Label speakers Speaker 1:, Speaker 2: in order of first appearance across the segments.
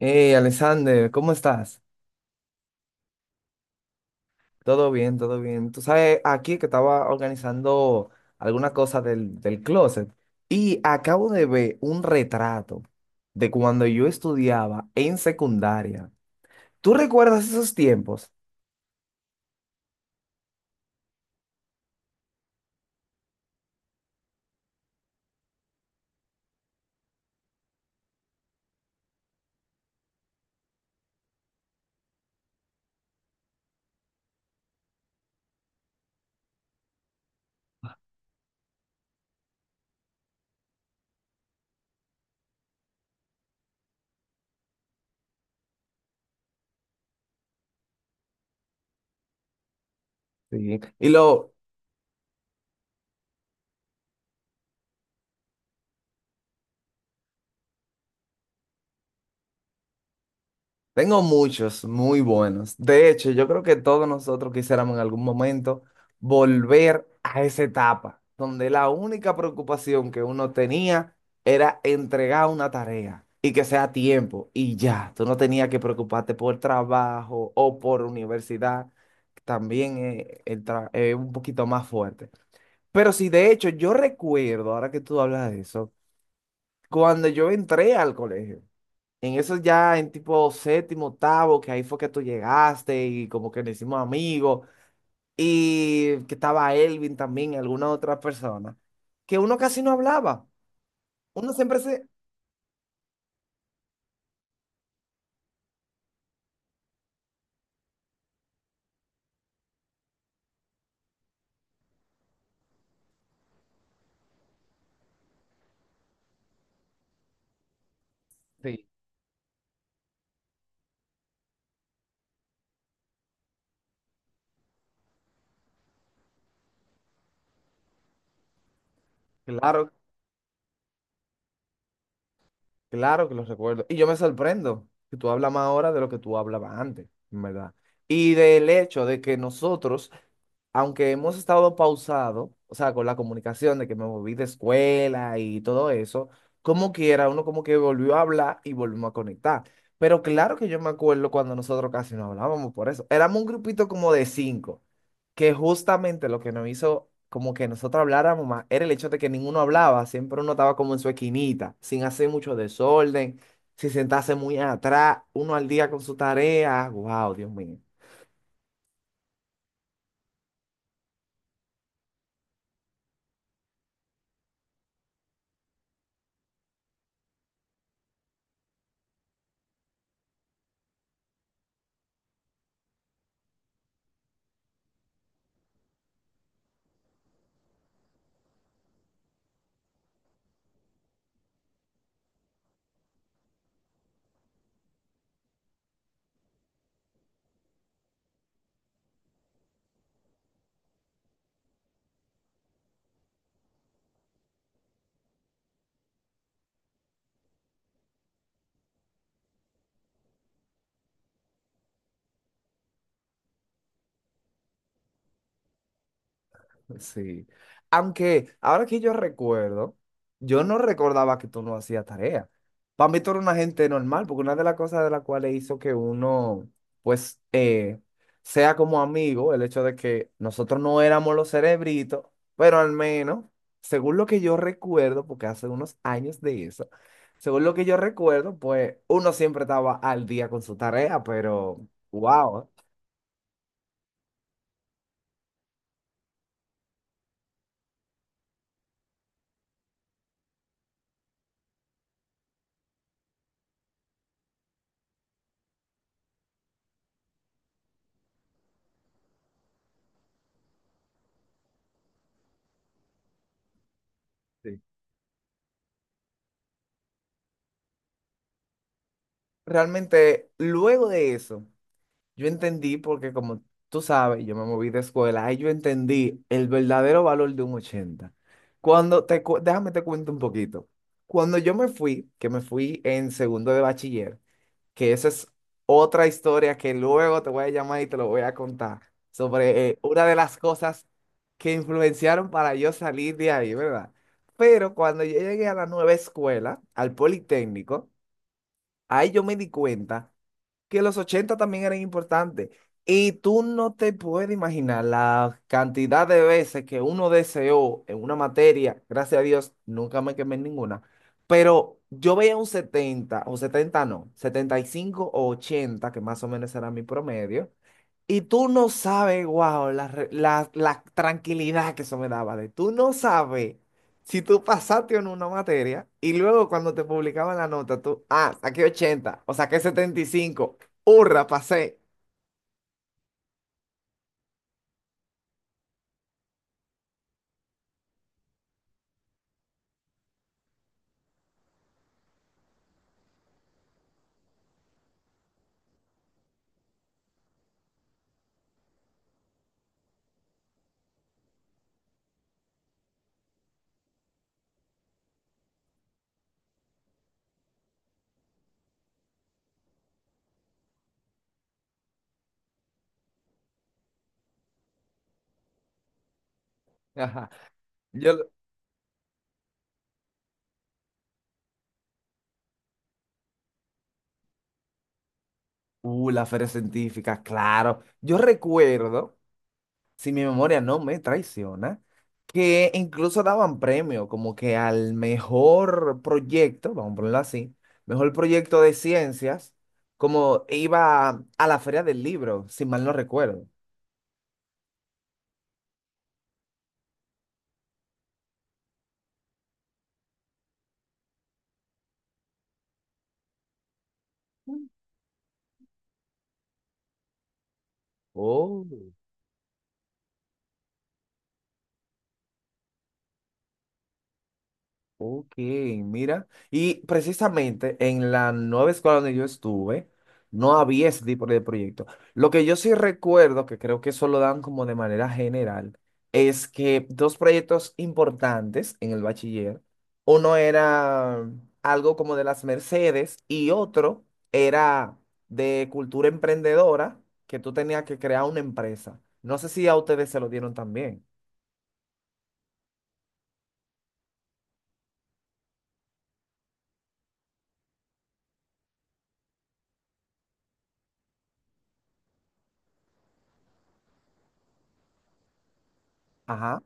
Speaker 1: Hey, Alexander, ¿cómo estás? Todo bien, todo bien. Tú sabes, aquí que estaba organizando alguna cosa del closet y acabo de ver un retrato de cuando yo estudiaba en secundaria. ¿Tú recuerdas esos tiempos? Sí. Tengo muchos muy buenos. De hecho, yo creo que todos nosotros quisiéramos en algún momento volver a esa etapa donde la única preocupación que uno tenía era entregar una tarea y que sea a tiempo y ya. Tú no tenías que preocuparte por trabajo o por universidad. También es un poquito más fuerte. Pero sí, de hecho, yo recuerdo, ahora que tú hablas de eso, cuando yo entré al colegio. En eso ya en tipo séptimo, octavo, que ahí fue que tú llegaste y como que nos hicimos amigos y que estaba Elvin también y alguna otra persona, que uno casi no hablaba. Uno siempre se... Sí, claro Claro que los recuerdo. Y yo me sorprendo que tú hablas más ahora de lo que tú hablabas antes, en verdad. Y del hecho de que nosotros, aunque hemos estado pausado, o sea, con la comunicación de que me moví de escuela y todo eso, como quiera, uno como que volvió a hablar y volvimos a conectar. Pero claro que yo me acuerdo cuando nosotros casi no hablábamos por eso. Éramos un grupito como de cinco que justamente lo que nos hizo como que nosotros habláramos más era el hecho de que ninguno hablaba, siempre uno estaba como en su esquinita, sin hacer mucho desorden, sin sentarse muy atrás, uno al día con su tarea. Wow, Dios mío. Sí. Aunque ahora que yo recuerdo, yo no recordaba que tú no hacías tarea. Para mí tú eres una gente normal, porque una de las cosas de las cuales hizo que uno, pues, sea como amigo, el hecho de que nosotros no éramos los cerebritos, pero al menos, según lo que yo recuerdo, porque hace unos años de eso, según lo que yo recuerdo, pues uno siempre estaba al día con su tarea, pero, wow. Sí. Realmente, luego de eso. Yo entendí porque como tú sabes, yo me moví de escuela, ahí yo entendí el verdadero valor de un 80. Déjame te cuento un poquito. Cuando yo me fui, que me fui en segundo de bachiller, que esa es otra historia que luego te voy a llamar y te lo voy a contar sobre una de las cosas que influenciaron para yo salir de ahí, ¿verdad? Pero cuando yo llegué a la nueva escuela, al Politécnico, ahí yo me di cuenta que los 80 también eran importantes. Y tú no te puedes imaginar la cantidad de veces que uno deseó en una materia, gracias a Dios, nunca me quemé en ninguna, pero yo veía un 70 o 70 no, 75 o 80 que más o menos era mi promedio, y tú no sabes, wow, la, la tranquilidad que eso me daba de tú no sabes si tú pasaste en una materia y luego cuando te publicaban la nota, tú, ah, saqué 80 o saqué 75, hurra, pasé. Ajá. Yo, la feria científica, claro. Yo recuerdo si mi memoria no me traiciona, que incluso daban premio como que al mejor proyecto, vamos a ponerlo así, mejor proyecto de ciencias, como iba a la Feria del Libro, si mal no recuerdo. Oh. Ok, mira. Y precisamente en la nueva escuela donde yo estuve, no había ese tipo de proyecto. Lo que yo sí recuerdo, que creo que eso lo dan como de manera general, es que dos proyectos importantes en el bachiller, uno era algo como de las Mercedes y otro era de cultura emprendedora, que tú tenías que crear una empresa. No sé si a ustedes se lo dieron también. Ajá,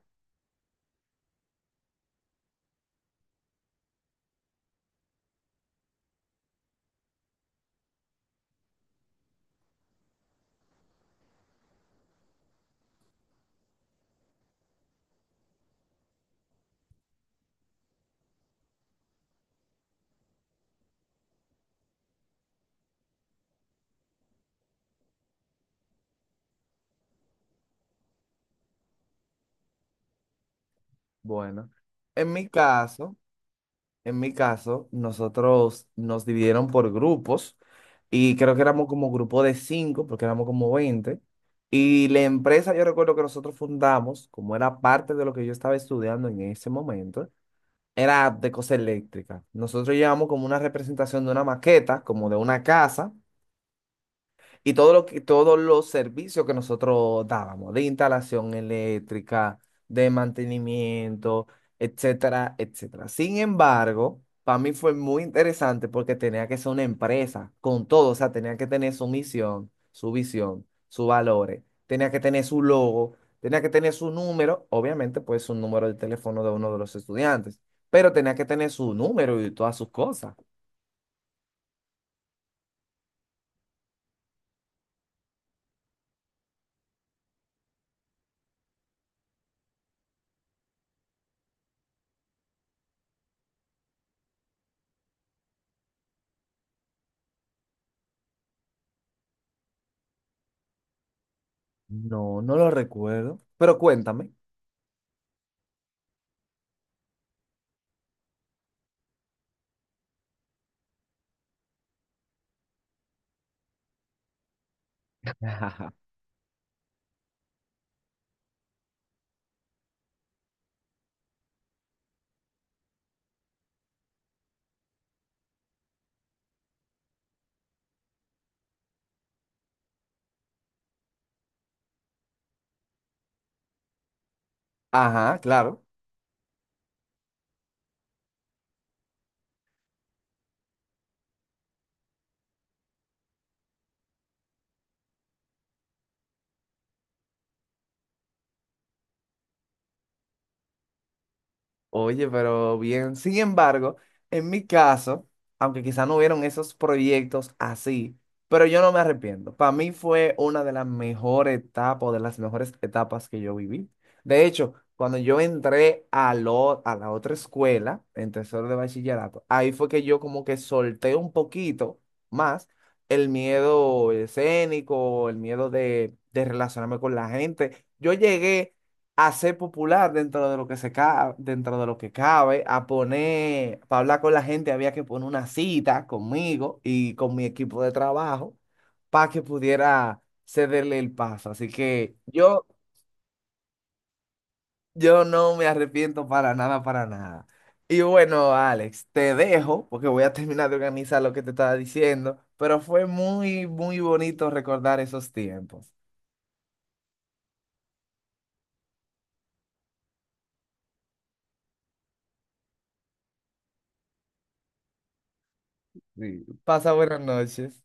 Speaker 1: bueno. En mi caso... En mi caso, nosotros nos dividieron por grupos y creo que éramos como grupo de cinco, porque éramos como 20. Y la empresa, yo recuerdo que nosotros fundamos, como era parte de lo que yo estaba estudiando en ese momento, era de cosa eléctrica. Nosotros llevamos como una representación de una maqueta, como de una casa, y todo lo que, todos los servicios que nosotros dábamos, de instalación eléctrica, de mantenimiento, etcétera, etcétera. Sin embargo, para mí fue muy interesante porque tenía que ser una empresa con todo, o sea, tenía que tener su misión, su visión, sus valores, tenía que tener su logo, tenía que tener su número, obviamente, pues un número de teléfono de uno de los estudiantes, pero tenía que tener su número y todas sus cosas. No, no lo recuerdo, pero cuéntame. Ajá, claro. Oye, pero bien. Sin embargo, en mi caso, aunque quizá no hubieron esos proyectos así, pero yo no me arrepiento. Para mí fue una de las mejores etapas, o de las mejores etapas que yo viví. De hecho, cuando yo entré a la otra escuela, en tercero de bachillerato, ahí fue que yo como que solté un poquito más el miedo escénico, el miedo de relacionarme con la gente. Yo llegué a ser popular dentro de lo que se cabe, dentro de lo que cabe, a poner, para hablar con la gente había que poner una cita conmigo y con mi equipo de trabajo para que pudiera cederle el paso. Así que yo no me arrepiento para nada, para nada. Y bueno, Alex, te dejo porque voy a terminar de organizar lo que te estaba diciendo, pero fue muy, muy bonito recordar esos tiempos. Sí. Pasa buenas noches.